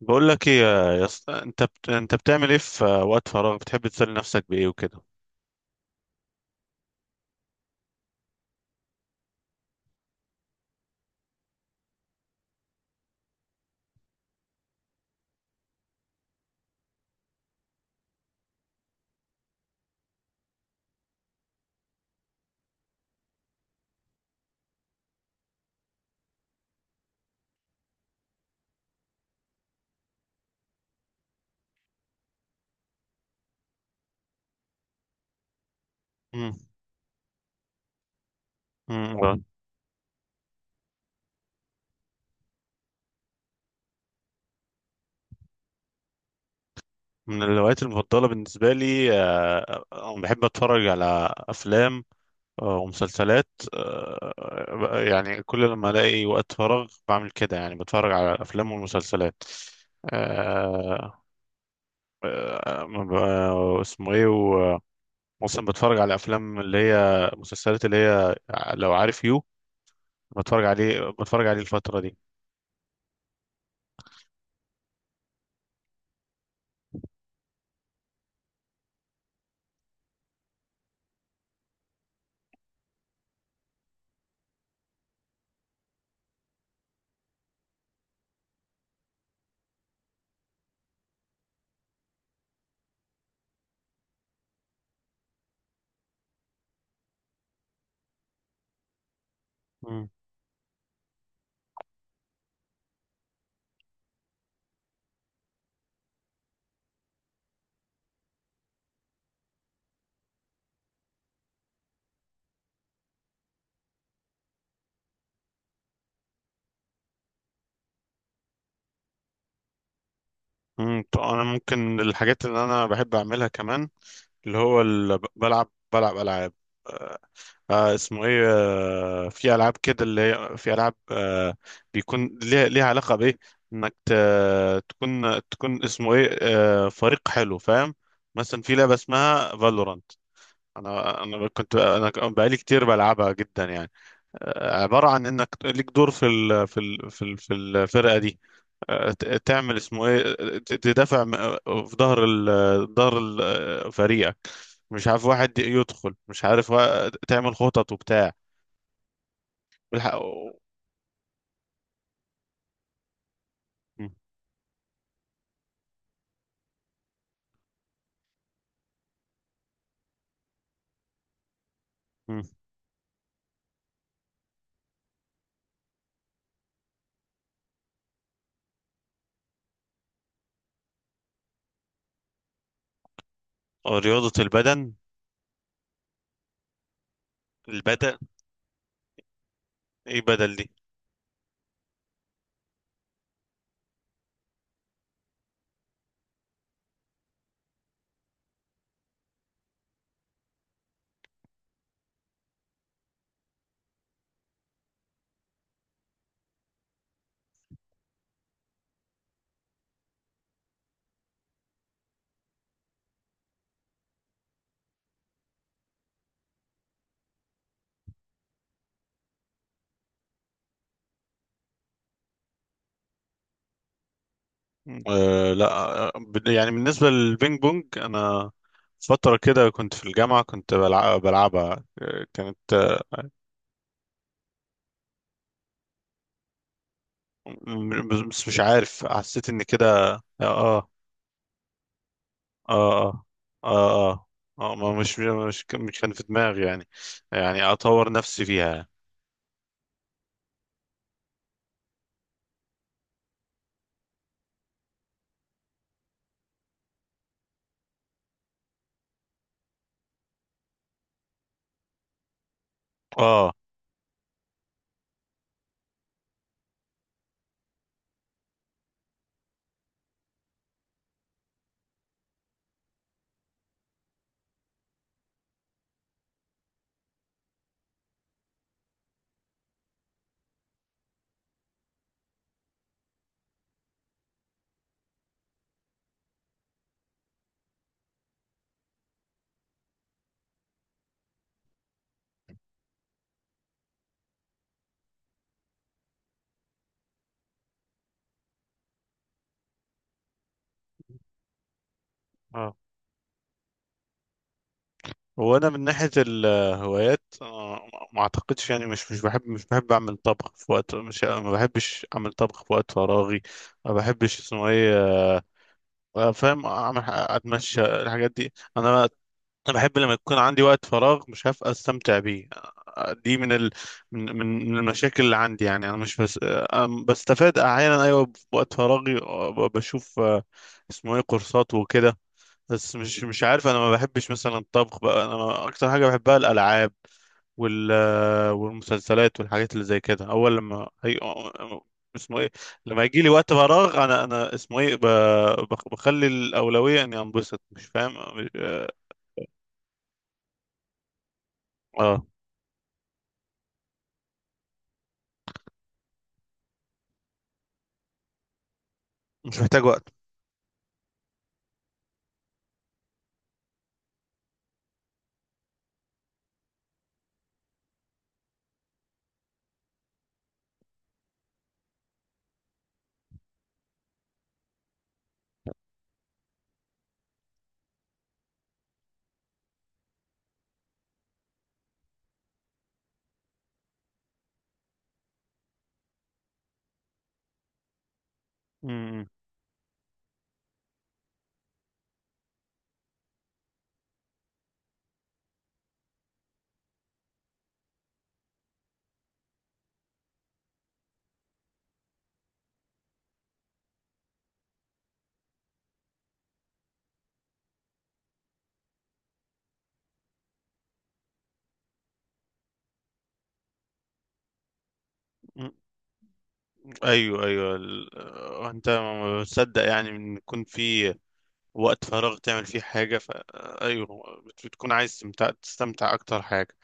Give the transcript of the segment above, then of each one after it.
بقول لك ايه يا اسطى، انت بتعمل ايه في وقت فراغ؟ بتحب تسلي نفسك بايه وكده؟ مم. مم. آه. من الهوايات المفضله بالنسبه لي بحب اتفرج على افلام ومسلسلات. يعني كل لما الاقي وقت فراغ بعمل كده، يعني بتفرج على الافلام والمسلسلات. آه، ما اسمه ايه مثلا بتفرج على افلام اللي هي مسلسلات اللي هي، لو عارف يو، بتفرج عليه الفتره دي. مم. مم. طب انا ممكن الحاجات اللي انا بحب اعملها كمان، اللي هو اللي بلعب العاب. آه اسمه ايه، في العاب كده اللي هي، في العاب، بيكون ليها علاقه بايه، انك تكون اسمه ايه، فريق حلو فاهم. مثلا في لعبه اسمها فالورانت، انا كنت، انا بقالي كتير بلعبها جدا يعني. عباره عن انك ليك دور في الفرقه دي. تعمل اسمه ايه، تدافع في ظهر فريقك، مش عارف واحد يدخل، مش عارف، تعمل خطط وبتاع. والح- م- م. رياضة البدن. البدن، ايه بدل دي؟ أه لا. يعني بالنسبة للبينج بونج، انا فترة كده كنت في الجامعة، كنت بلعبها. كانت بس مش عارف، حسيت ان كده. اه اه اه اه اه. ما مش كان في دماغي يعني، يعني اطور نفسي فيها. اه اه. هو انا من ناحيه الهوايات، ما اعتقدش يعني، مش بحب اعمل طبخ في وقت، مش، ما بحبش اعمل طبخ في وقت فراغي. ما بحبش اسمه ايه، آه، فاهم، اعمل اتمشى الحاجات دي. انا بحب لما يكون عندي وقت فراغ مش هبقى استمتع بيه. دي من ال... من من من المشاكل اللي عندي يعني. انا مش بس بستفاد احيانا ايوه بوقت فراغي، بشوف، اسمه ايه، كورسات وكده. بس مش عارف، انا ما بحبش مثلا الطبخ بقى. انا اكتر حاجه بحبها الالعاب وال والمسلسلات والحاجات اللي زي كده. اول لما هي اسمه ايه، لما يجي لي وقت فراغ، انا اسمه ايه بخلي الاولويه اني انبسط، مش فاهم مش... اه. آه. مش محتاج وقت. مم. مم. ايوه، ايوه، انت ما بتصدق يعني، ان يكون في وقت فراغ تعمل فيه حاجه، ف آه، ايوه. بتكون عايز تستمتع اكتر حاجه.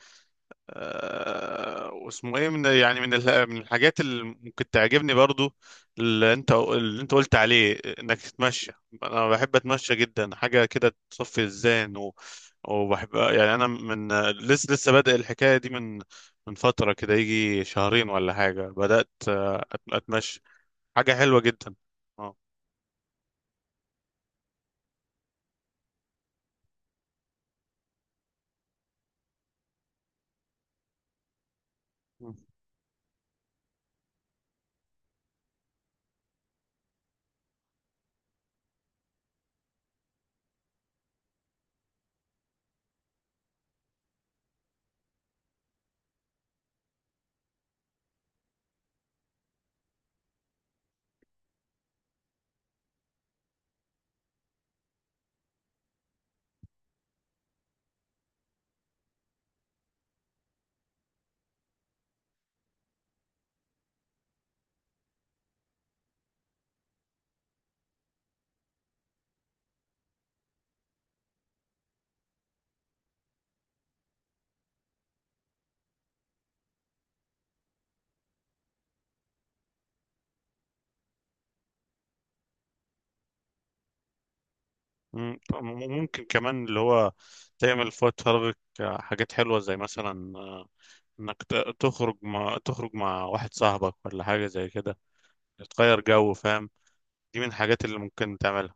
واسمه ايه من، يعني من من الحاجات اللي ممكن تعجبني برضو، اللي انت قلت عليه انك تتمشى. انا بحب اتمشى جدا، حاجه كده تصفي الذهن وبحب يعني. انا من لسه بادئ الحكايه دي من فتره كده، يجي شهرين ولا حاجه، بدات اتمشى. حاجه حلوه جدا. اه. مم. مم. ممكن كمان اللي هو تعمل في وقت فراغك حاجات حلوة زي مثلا انك تخرج مع واحد صاحبك ولا حاجة زي كده، تغير جو فاهم. دي من الحاجات اللي ممكن تعملها.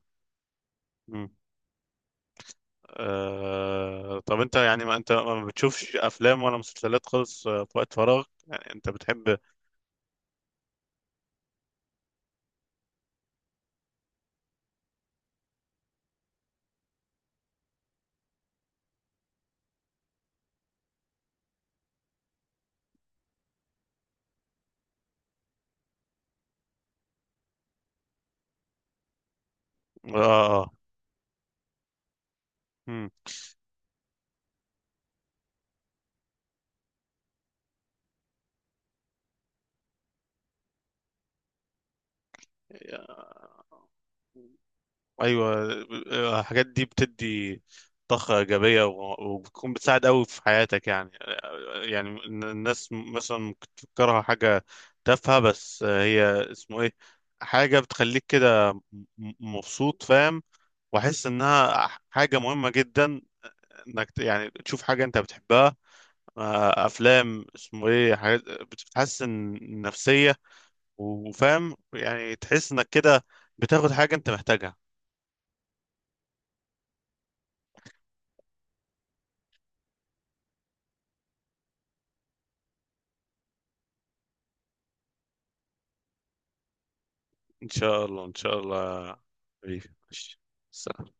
مم. طب انت يعني، ما انت ما بتشوفش افلام ولا مسلسلات خالص، في وقت فراغ، يعني انت بتحب. اه. آه. آه. مم. ايوه. الحاجات دي بتدي طاقه ايجابيه، وبتكون بتساعد قوي في حياتك يعني. يعني إن الناس مثلا ممكن تفكرها حاجه تافهه، بس هي اسمه ايه، حاجه بتخليك كده مبسوط فاهم، واحس انها حاجه مهمه جدا. انك يعني تشوف حاجه انت بتحبها، افلام اسمه ايه، حاجات بتحسن النفسيه وفاهم، يعني تحس انك كده بتاخد حاجه انت محتاجها. ان شاء الله، ان شاء الله. حبيبي، ماشي. سلام.